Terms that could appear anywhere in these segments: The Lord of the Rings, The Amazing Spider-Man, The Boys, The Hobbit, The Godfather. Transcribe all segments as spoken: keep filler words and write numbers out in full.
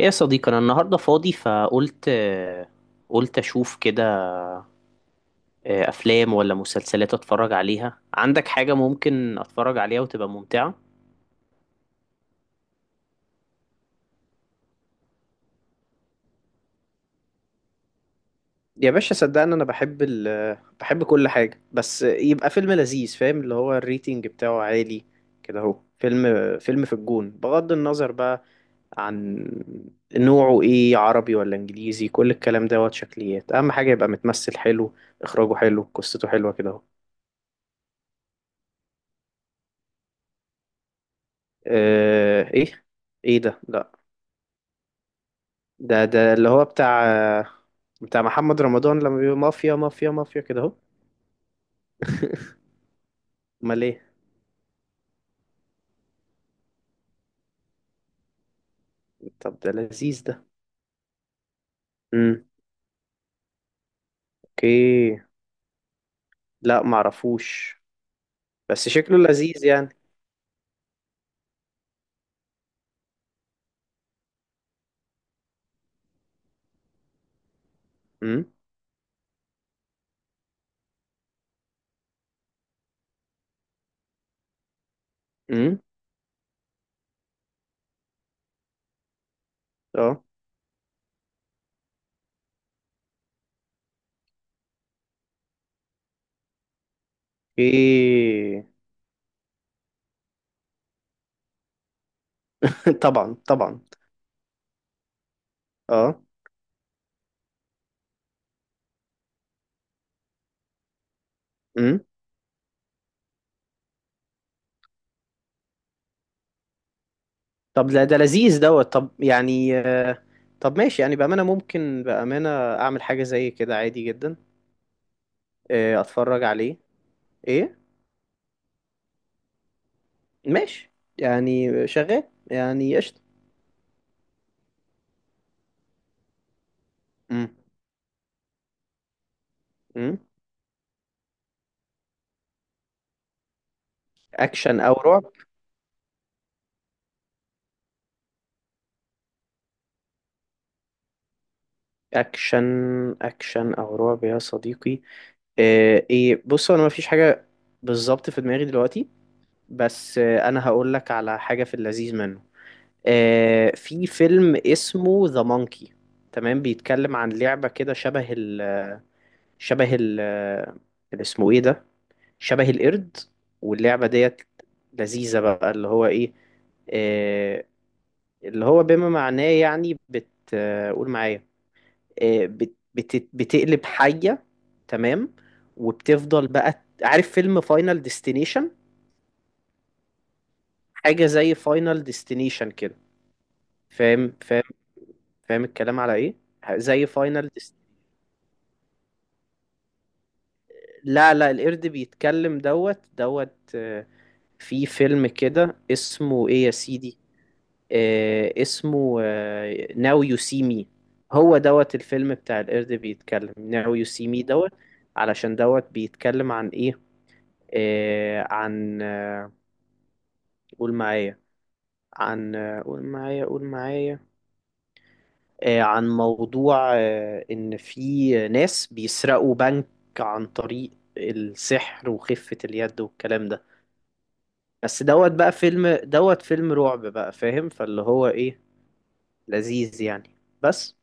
ايه يا صديقي، انا النهارده فاضي، فقلت آه، قلت اشوف كده. آه، افلام ولا مسلسلات اتفرج عليها؟ عندك حاجه ممكن اتفرج عليها وتبقى ممتعه؟ يا باشا صدقني انا بحب ال بحب كل حاجة، بس يبقى فيلم لذيذ، فاهم؟ اللي هو الريتنج بتاعه عالي كده اهو. فيلم فيلم في الجون، بغض النظر بقى عن نوعه ايه، عربي ولا انجليزي، كل الكلام دوت شكليات، اهم حاجة يبقى متمثل حلو، اخراجه حلو، قصته حلوة كده اهو. آه، ايه ايه ده؟ لا. ده ده اللي هو بتاع بتاع محمد رمضان لما بيقول مافيا مافيا مافيا كده اهو؟ امال ايه؟ طب ده لذيذ ده. امم. اوكي. لا معرفوش. بس شكله لذيذ يعني. امم. امم. اه. اوكي. طبعا طبعا. اه. امم. طب لا ده لذيذ دوت، طب يعني طب ماشي يعني، بأمانة ممكن، بأمانة اعمل حاجة زي كده عادي جدا. آه، اتفرج عليه. ايه؟ ماشي. يعني شغال. يعني قشطة. امم. مم. اكشن او رعب. اكشن اكشن او رعب يا صديقي. آه، ايه، بص انا مفيش حاجه بالظبط في دماغي دلوقتي، بس آه، انا هقول لك على حاجه في اللذيذ منه. آه، في فيلم اسمه ذا مونكي، تمام؟ بيتكلم عن لعبه كده شبه ال، شبه ال اللي اسمه ايه ده، شبه القرد. واللعبه ديت لذيذه بقى، اللي هو ايه، آه، اللي هو بما معناه يعني بت، آه، قول معايا، آه، بت... بت... بتقلب حية، تمام؟ وبتفضل بقى، ت- عارف فيلم فاينل ديستنيشن؟ حاجة زي فاينل ديستنيشن كده، فاهم فاهم، فاهم الكلام على ايه، ح- زي فاينل ديست... لا لا، القرد بيتكلم دوت دوت، آه، في فيلم كده اسمه ايه يا سيدي، آه، اسمه ناو يو سي مي. هو دوت الفيلم بتاع القرد بيتكلم ناو يو سي مي دوت، علشان دوت بيتكلم عن ايه، آه، عن آه، قول معايا، عن آه، قول معايا قول معايا، آه، عن موضوع آه، ان في ناس بيسرقوا بنك عن طريق السحر وخفة اليد والكلام ده. بس دوت بقى فيلم دوت، فيلم رعب بقى، فاهم؟ فاللي هو ايه، لذيذ يعني. بس.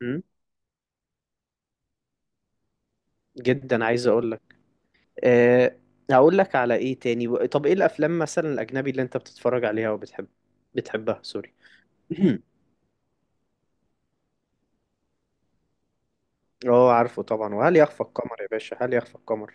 مم. جدا عايز اقول. أه، هقول لك على ايه تاني. طب ايه الافلام مثلا الاجنبي اللي انت بتتفرج عليها وبتحب، بتحبها، سوري. اه عارفه طبعا. وهل يخفى القمر يا باشا، هل يخفى القمر.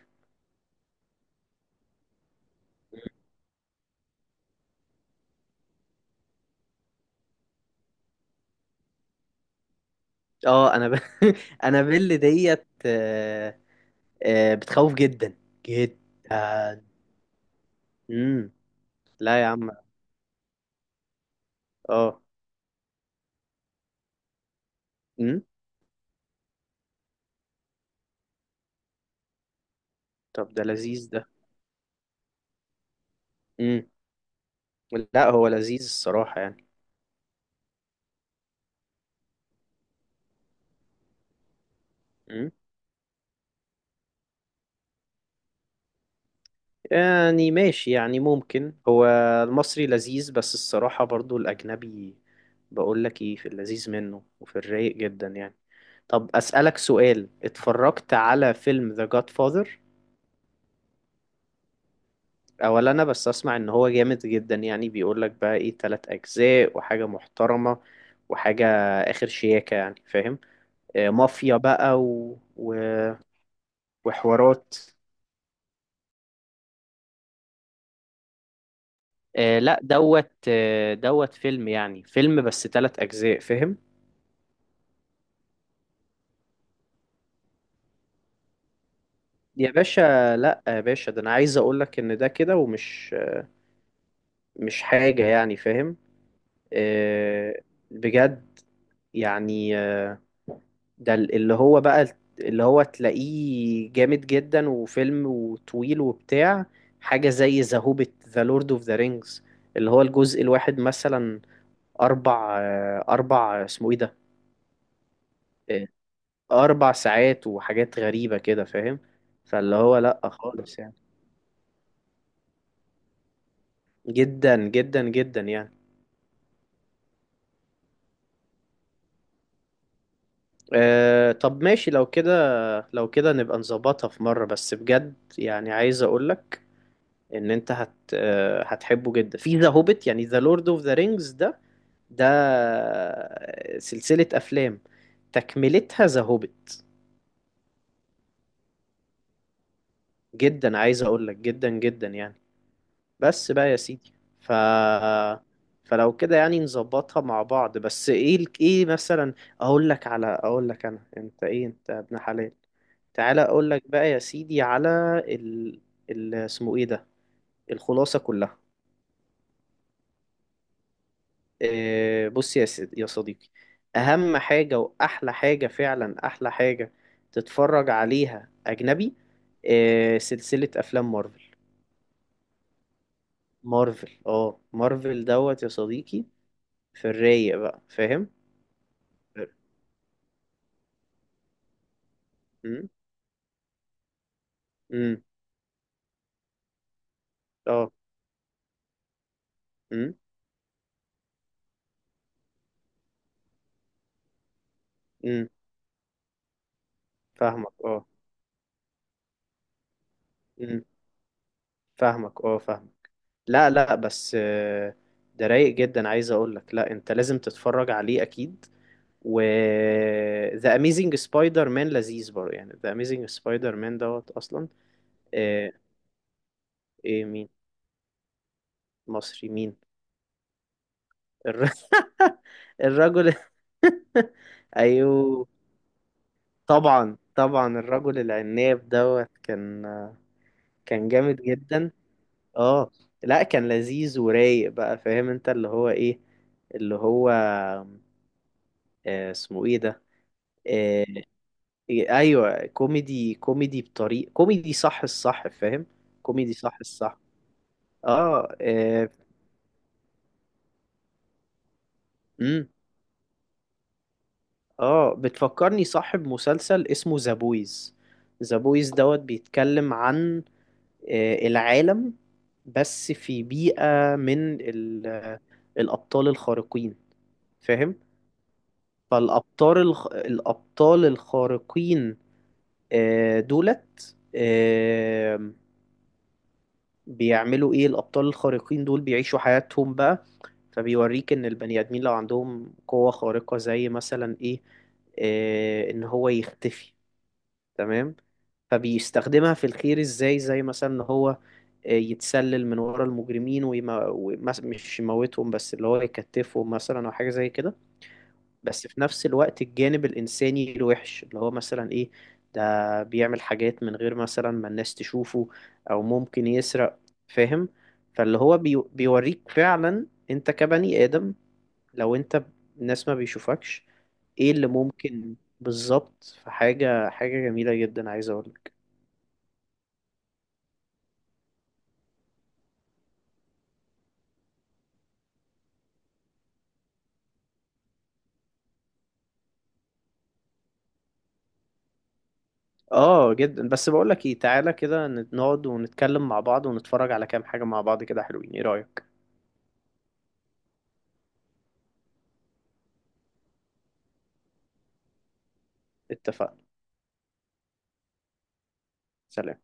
اه انا ب... انا بيل ديت، آه، آه، بتخوف جدا جدا. امم. لا يا عم. اه. امم. طب ده لذيذ ده. امم. لا هو لذيذ الصراحة. يعني، يعني ماشي يعني، ممكن هو المصري لذيذ، بس الصراحة برضو الأجنبي. بقول لك إيه، في اللذيذ منه وفي الرايق جدا يعني. طب أسألك سؤال، اتفرجت على فيلم The Godfather؟ أولا أنا بس أسمع إن هو جامد جدا، يعني بيقول لك بقى إيه، تلات أجزاء وحاجة محترمة، وحاجة آخر شياكة يعني، فاهم؟ آه، مافيا بقى و... و... وحوارات. آه، لا دوت، آه، دوت فيلم يعني، فيلم بس تلات أجزاء، فاهم؟ يا باشا، لا يا باشا ده انا عايز اقول لك ان ده كده، ومش مش حاجة يعني، فاهم؟ آه، بجد يعني، آه، ده اللي هو بقى، اللي هو تلاقيه جامد جدا، وفيلم وطويل وبتاع، حاجة زي ذا هوبيت، ذا لورد اوف ذا رينجز. اللي هو الجزء الواحد مثلا أربع آه، أربع اسمه إيه ده، آه، أربع ساعات وحاجات غريبة كده، فاهم؟ فاللي هو لأ خالص يعني. جدا جدا جدا يعني. أه، طب ماشي لو كده، لو كده نبقى نظبطها في مرة، بس بجد يعني عايز اقولك ان انت هت أه هتحبه جدا في ذا هوبيت، يعني ذا لورد اوف ذا رينجز ده، ده سلسلة افلام تكملتها ذا هوبيت، جدا عايز اقولك جدا جدا يعني. بس بقى يا سيدي، ف فلو كده يعني نظبطها مع بعض. بس ايه الك- ايه مثلا؟ اقول لك على اقول لك انا، انت ايه، انت ابن حلال. تعالى اقول لك بقى يا سيدي على ال، ال... اسمه ايه ده، الخلاصة كلها. إيه بص يا سيدي يا صديقي، اهم حاجة واحلى حاجة، فعلا احلى حاجة تتفرج عليها اجنبي، إيه؟ سلسلة افلام مارفل. مارفل اه مارفل دوت يا صديقي، في الرايق بقى، فاهم؟ امم. امم. اه. امم. امم. فاهمك. اه. امم. فاهمك. اه. فاهمك. لا لا، بس آه، ده رايق جدا، عايز اقول لك، لا انت لازم تتفرج عليه اكيد. و The Amazing Spider-Man لذيذ برضه يعني، The Amazing Spider-Man دوت اصلا. آه، ايه مين؟ مصري مين؟ الر... الرجل. ايوه، طبعا طبعا. الرجل العناب دوت كان، كان جامد جدا اه. لا كان لذيذ ورايق بقى، فاهم انت اللي هو ايه، اللي هو آه، اسمه ايه ده، آه، إيه، ايوه كوميدي، كوميدي بطريق كوميدي صح الصح، فاهم؟ كوميدي صح الصح. اه. آه، امم. اه بتفكرني صاحب مسلسل اسمه ذا بويز. ذا بويز دوت بيتكلم عن آه، العالم، بس في بيئة من ال- الأبطال الخارقين، فاهم؟ فالأبطال الخ... الأبطال الخارقين آه، دولت آه، بيعملوا إيه. الأبطال الخارقين دول بيعيشوا حياتهم بقى، فبيوريك إن البني آدمين لو عندهم قوة خارقة زي مثلا إيه، آه، إن هو يختفي، تمام؟ فبيستخدمها في الخير إزاي، زي مثلا إن هو آه، يتسلل من ورا المجرمين ومش يموتهم، بس اللي هو يكتفهم مثلا أو حاجة زي كده. بس في نفس الوقت الجانب الإنساني الوحش اللي هو مثلا إيه، ده بيعمل حاجات من غير مثلا ما الناس تشوفه، أو ممكن يسرق، فاهم. فاللي هو بي بيوريك فعلا أنت كبني آدم، لو أنت ب- الناس ما بيشوفكش، إيه اللي ممكن بالظبط، فحاجة حاجة جميلة جدا عايز أقولك. آه جدا. بس بقولك إيه، تعالى كده نقعد ونتكلم مع بعض ونتفرج على كام حاجة مع بعض، كده حلوين، إيه رأيك؟ اتفقنا. سلام.